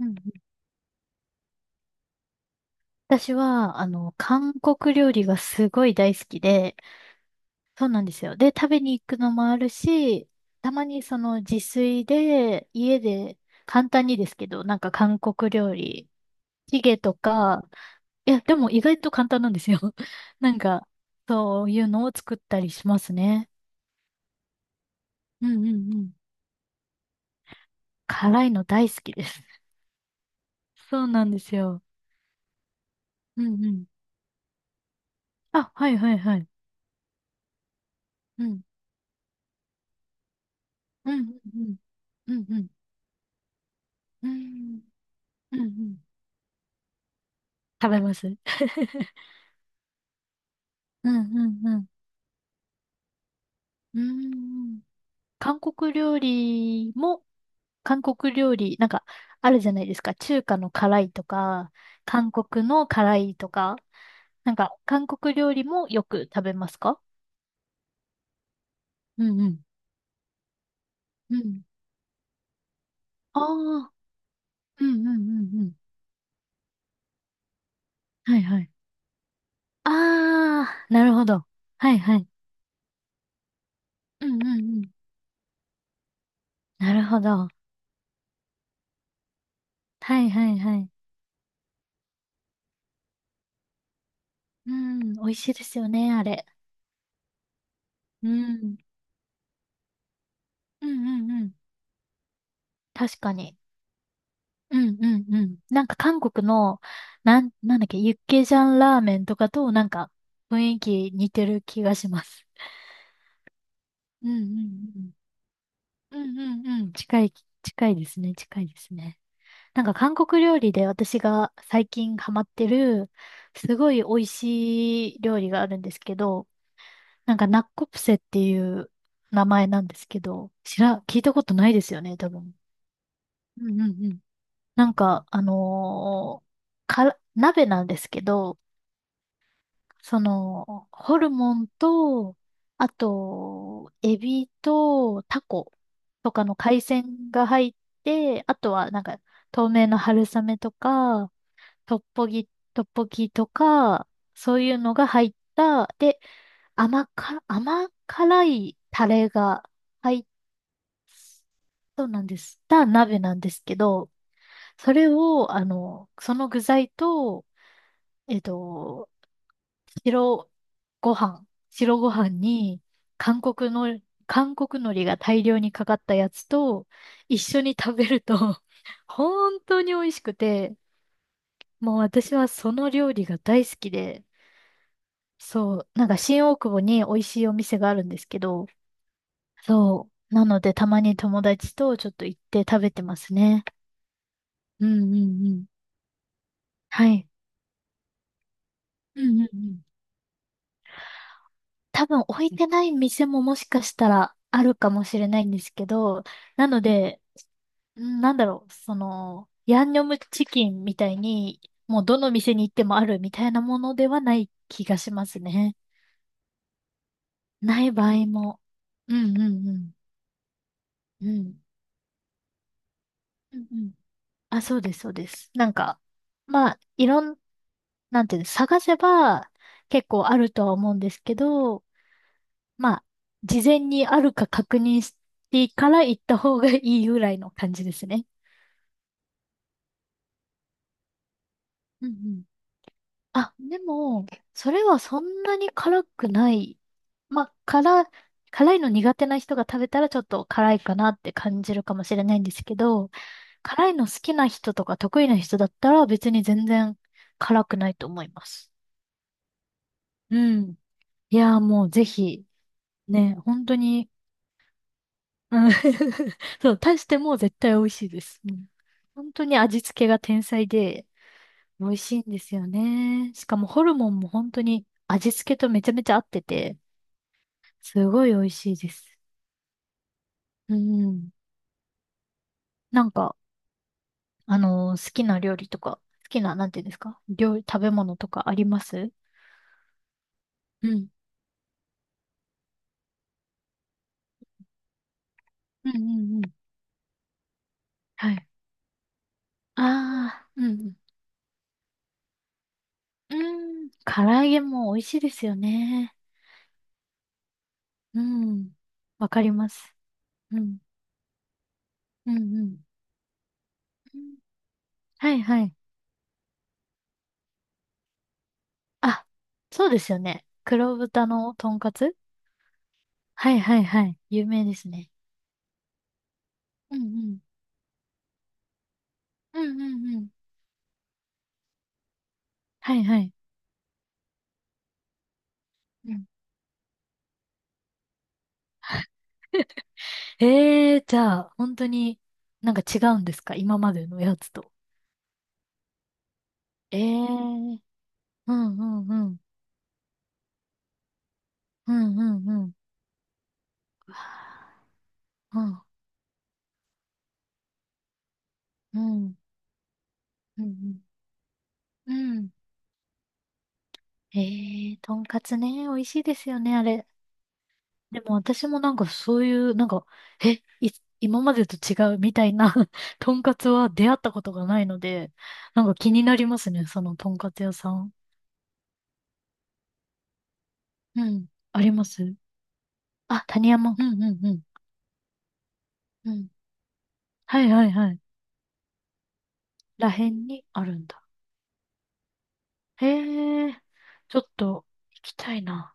うんうん。私は、韓国料理がすごい大好きで、そうなんですよ。で、食べに行くのもあるし、たまにその自炊で、家で、簡単にですけど、なんか韓国料理、チゲとか、いや、でも意外と簡単なんですよ。なんか、そういうのを作ったりしますね。うんうんうん。辛いの大好きです。そうなんですよ。うんうん。あ、はいはいはい。うん。うんうんうん。うんうん。うんうんうん。食べます。うんうんうん。うーん韓国料理も、韓国料理、なんか、あるじゃないですか。中華の辛いとか、韓国の辛いとか、なんか、韓国料理もよく食べますか？うんうん。うん。ああ、うんうんうんうん。はいはい。ああ、なるほど。はいはい。うんうんうん。なるほど。はいはいはい。うん、美味しいですよね、あれ。うん。うんうんうん。確かに。うんうんうん。なんか韓国の、なんだっけ、ユッケジャンラーメンとかとなんか雰囲気似てる気がします。うんうんうん。うんうんうん。近い、近いですね、近いですね。なんか韓国料理で私が最近ハマってる、すごい美味しい料理があるんですけど、なんかナッコプセっていう名前なんですけど、聞いたことないですよね、多分。うんうんうん。なんか、から、鍋なんですけど、その、ホルモンと、あと、エビとタコとかの海鮮が入って、あとはなんか、透明の春雨とか、トッポギとか、そういうのが入った、で、甘辛いタレが入った、そうなんです。た鍋なんですけど、それを、その具材と、えっと、白ご飯、白ご飯に韓国の、韓国海苔が大量にかかったやつと一緒に食べると 本当に美味しくて、もう私はその料理が大好きで、そう、なんか新大久保に美味しいお店があるんですけど、そう、なのでたまに友達とちょっと行って食べてますね。うんうんうん。はい。うんうんうん。多分置いてない店ももしかしたらあるかもしれないんですけど、なので、その、ヤンニョムチキンみたいに、もうどの店に行ってもあるみたいなものではない気がしますね。ない場合も。うんうんうん。うん。うんうん。あ、そうです、そうです。なんか、まあ、いろん、なんていうの、探せば結構あるとは思うんですけど、まあ、事前にあるか確認してから行った方がいいぐらいの感じですね。うんうん。あ、でも、それはそんなに辛くない。まあ、辛いの苦手な人が食べたらちょっと辛いかなって感じるかもしれないんですけど、辛いの好きな人とか得意な人だったら別に全然辛くないと思います。うん。いやーもうぜひ、ね、本当に。うん。 そう、足しても絶対美味しいです。うん、本当に味付けが天才で美味しいんですよね。しかもホルモンも本当に味付けとめちゃめちゃ合ってて、すごい美味しいです。うん。なんか、好きな料理とか、好きな、なんていうんですか、料理、食べ物とかあります？うん。うんうんうん。はい。ああ、うん。うん。うん。唐揚げも美味しいですよね。うん。わかります。うん。うんうん。はいはい。あ、そうですよね。黒豚のとんかつ。はいはいはい。有名ですね。うんうん。うんうんうん。はいはい。うん。ええー、じゃあ、本当になんか違うんですか、今までのやつと？ええー。うんうんうん。うんうんうん。うわー。うんうんうんうん。うん。ええー、とんかつね、美味しいですよね、あれ。でも私もなんかそういう、なんか、え、い、今までと違うみたいな とんかつは出会ったことがないので、なんか気になりますね、そのとんかつ屋さん。うん。あります。あ、谷山。うんうんうん。うん。はいはいはい。らへんにあるんだ。へえ、ちょっと行きたいな。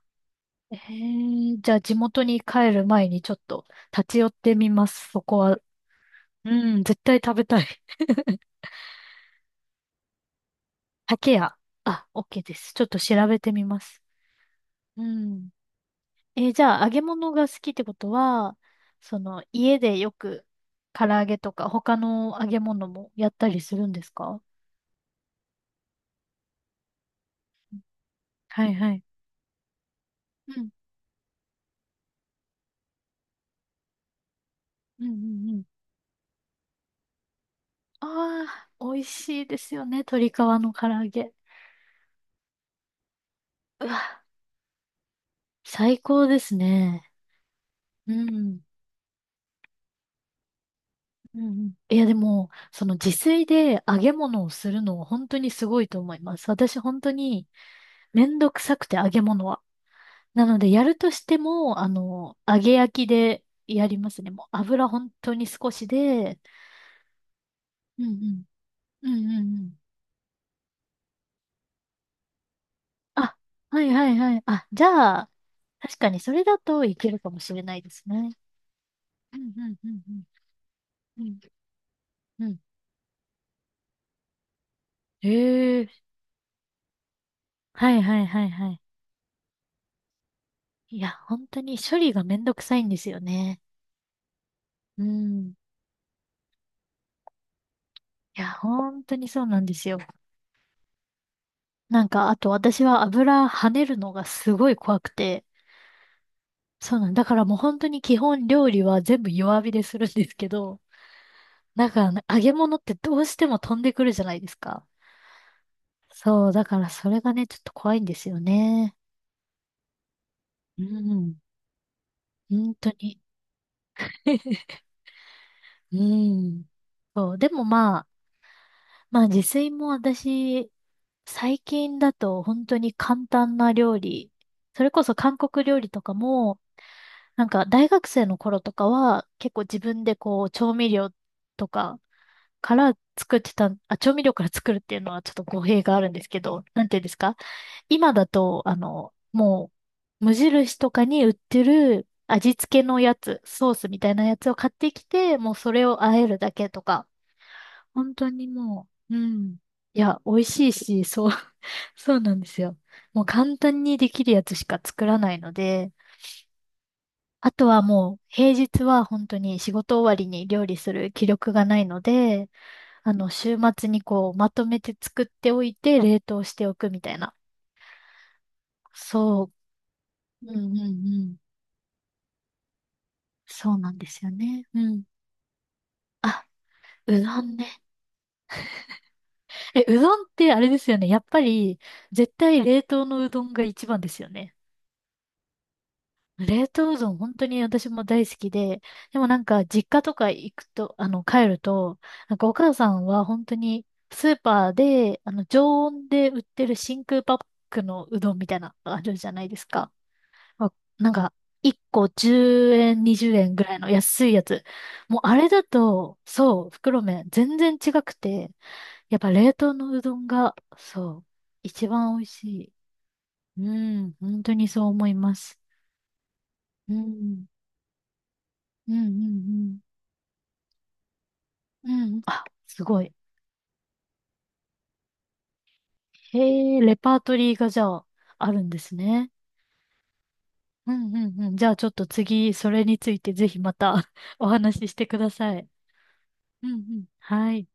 ええ、じゃあ地元に帰る前にちょっと立ち寄ってみます、そこは。うん、絶対食べたい。竹屋。あ、OK です。ちょっと調べてみます。うん。え、じゃあ、揚げ物が好きってことは、その、家でよく、唐揚げとか、他の揚げ物もやったりするんですか？はいはい。うん。うんうんうん。ああ、美味しいですよね。鶏皮の唐揚げ。うわ、最高ですね。うん。うんうん。いや、でも、その自炊で揚げ物をするのは本当にすごいと思います。私本当にめんどくさくて揚げ物は。なので、やるとしても、揚げ焼きでやりますね。もう油本当に少しで、うんうん。うんうんうん。あ、はいはいはい。あ、じゃあ、確かにそれだといけるかもしれないですね。うんうんうんうん。うんうん。ええ。はいはいはいはい。いや、本当に処理がめんどくさいんですよね。うん。いや、本当にそうなんですよ。なんか、あと私は油跳ねるのがすごい怖くて、そうなんだからもう本当に基本料理は全部弱火でするんですけど、なんかね、揚げ物ってどうしても飛んでくるじゃないですか。そう、だからそれがね、ちょっと怖いんですよね。うん、本当に。うん。そう、でもまあ自炊も私、最近だと本当に簡単な料理、それこそ韓国料理とかも、なんか大学生の頃とかは結構自分でこう調味料とかから作ってた、あ、調味料から作るっていうのはちょっと語弊があるんですけど、なんていうんですか、今だと、もう、無印とかに売ってる味付けのやつ、ソースみたいなやつを買ってきて、もうそれを和えるだけとか、本当にもう、うん。いや、美味しいし、そう、そうなんですよ。もう簡単にできるやつしか作らないので、あとはもう平日は本当に仕事終わりに料理する気力がないので、週末にこう、まとめて作っておいて、冷凍しておくみたいな。そう。うんうんうん。そうなんですよね。うん。あ、うどんね。え、うどんってあれですよね。やっぱり、絶対冷凍のうどんが一番ですよね。冷凍うどん本当に私も大好きで、でもなんか実家とか行くと、帰ると、なんかお母さんは本当にスーパーで、常温で売ってる真空パックのうどんみたいなのあるじゃないですか。あ、なんか、1個10円、20円ぐらいの安いやつ。もうあれだと、そう、袋麺全然違くて、やっぱ冷凍のうどんが、そう、一番美味しい。うん、本当にそう思います。うん、うん、うん、うん。うん、あ、すごい。へえ、レパートリーがじゃあ、あるんですね。うん、うん、うん。じゃあちょっと次、それについてぜひまた お話ししてください。うん、うん。はい。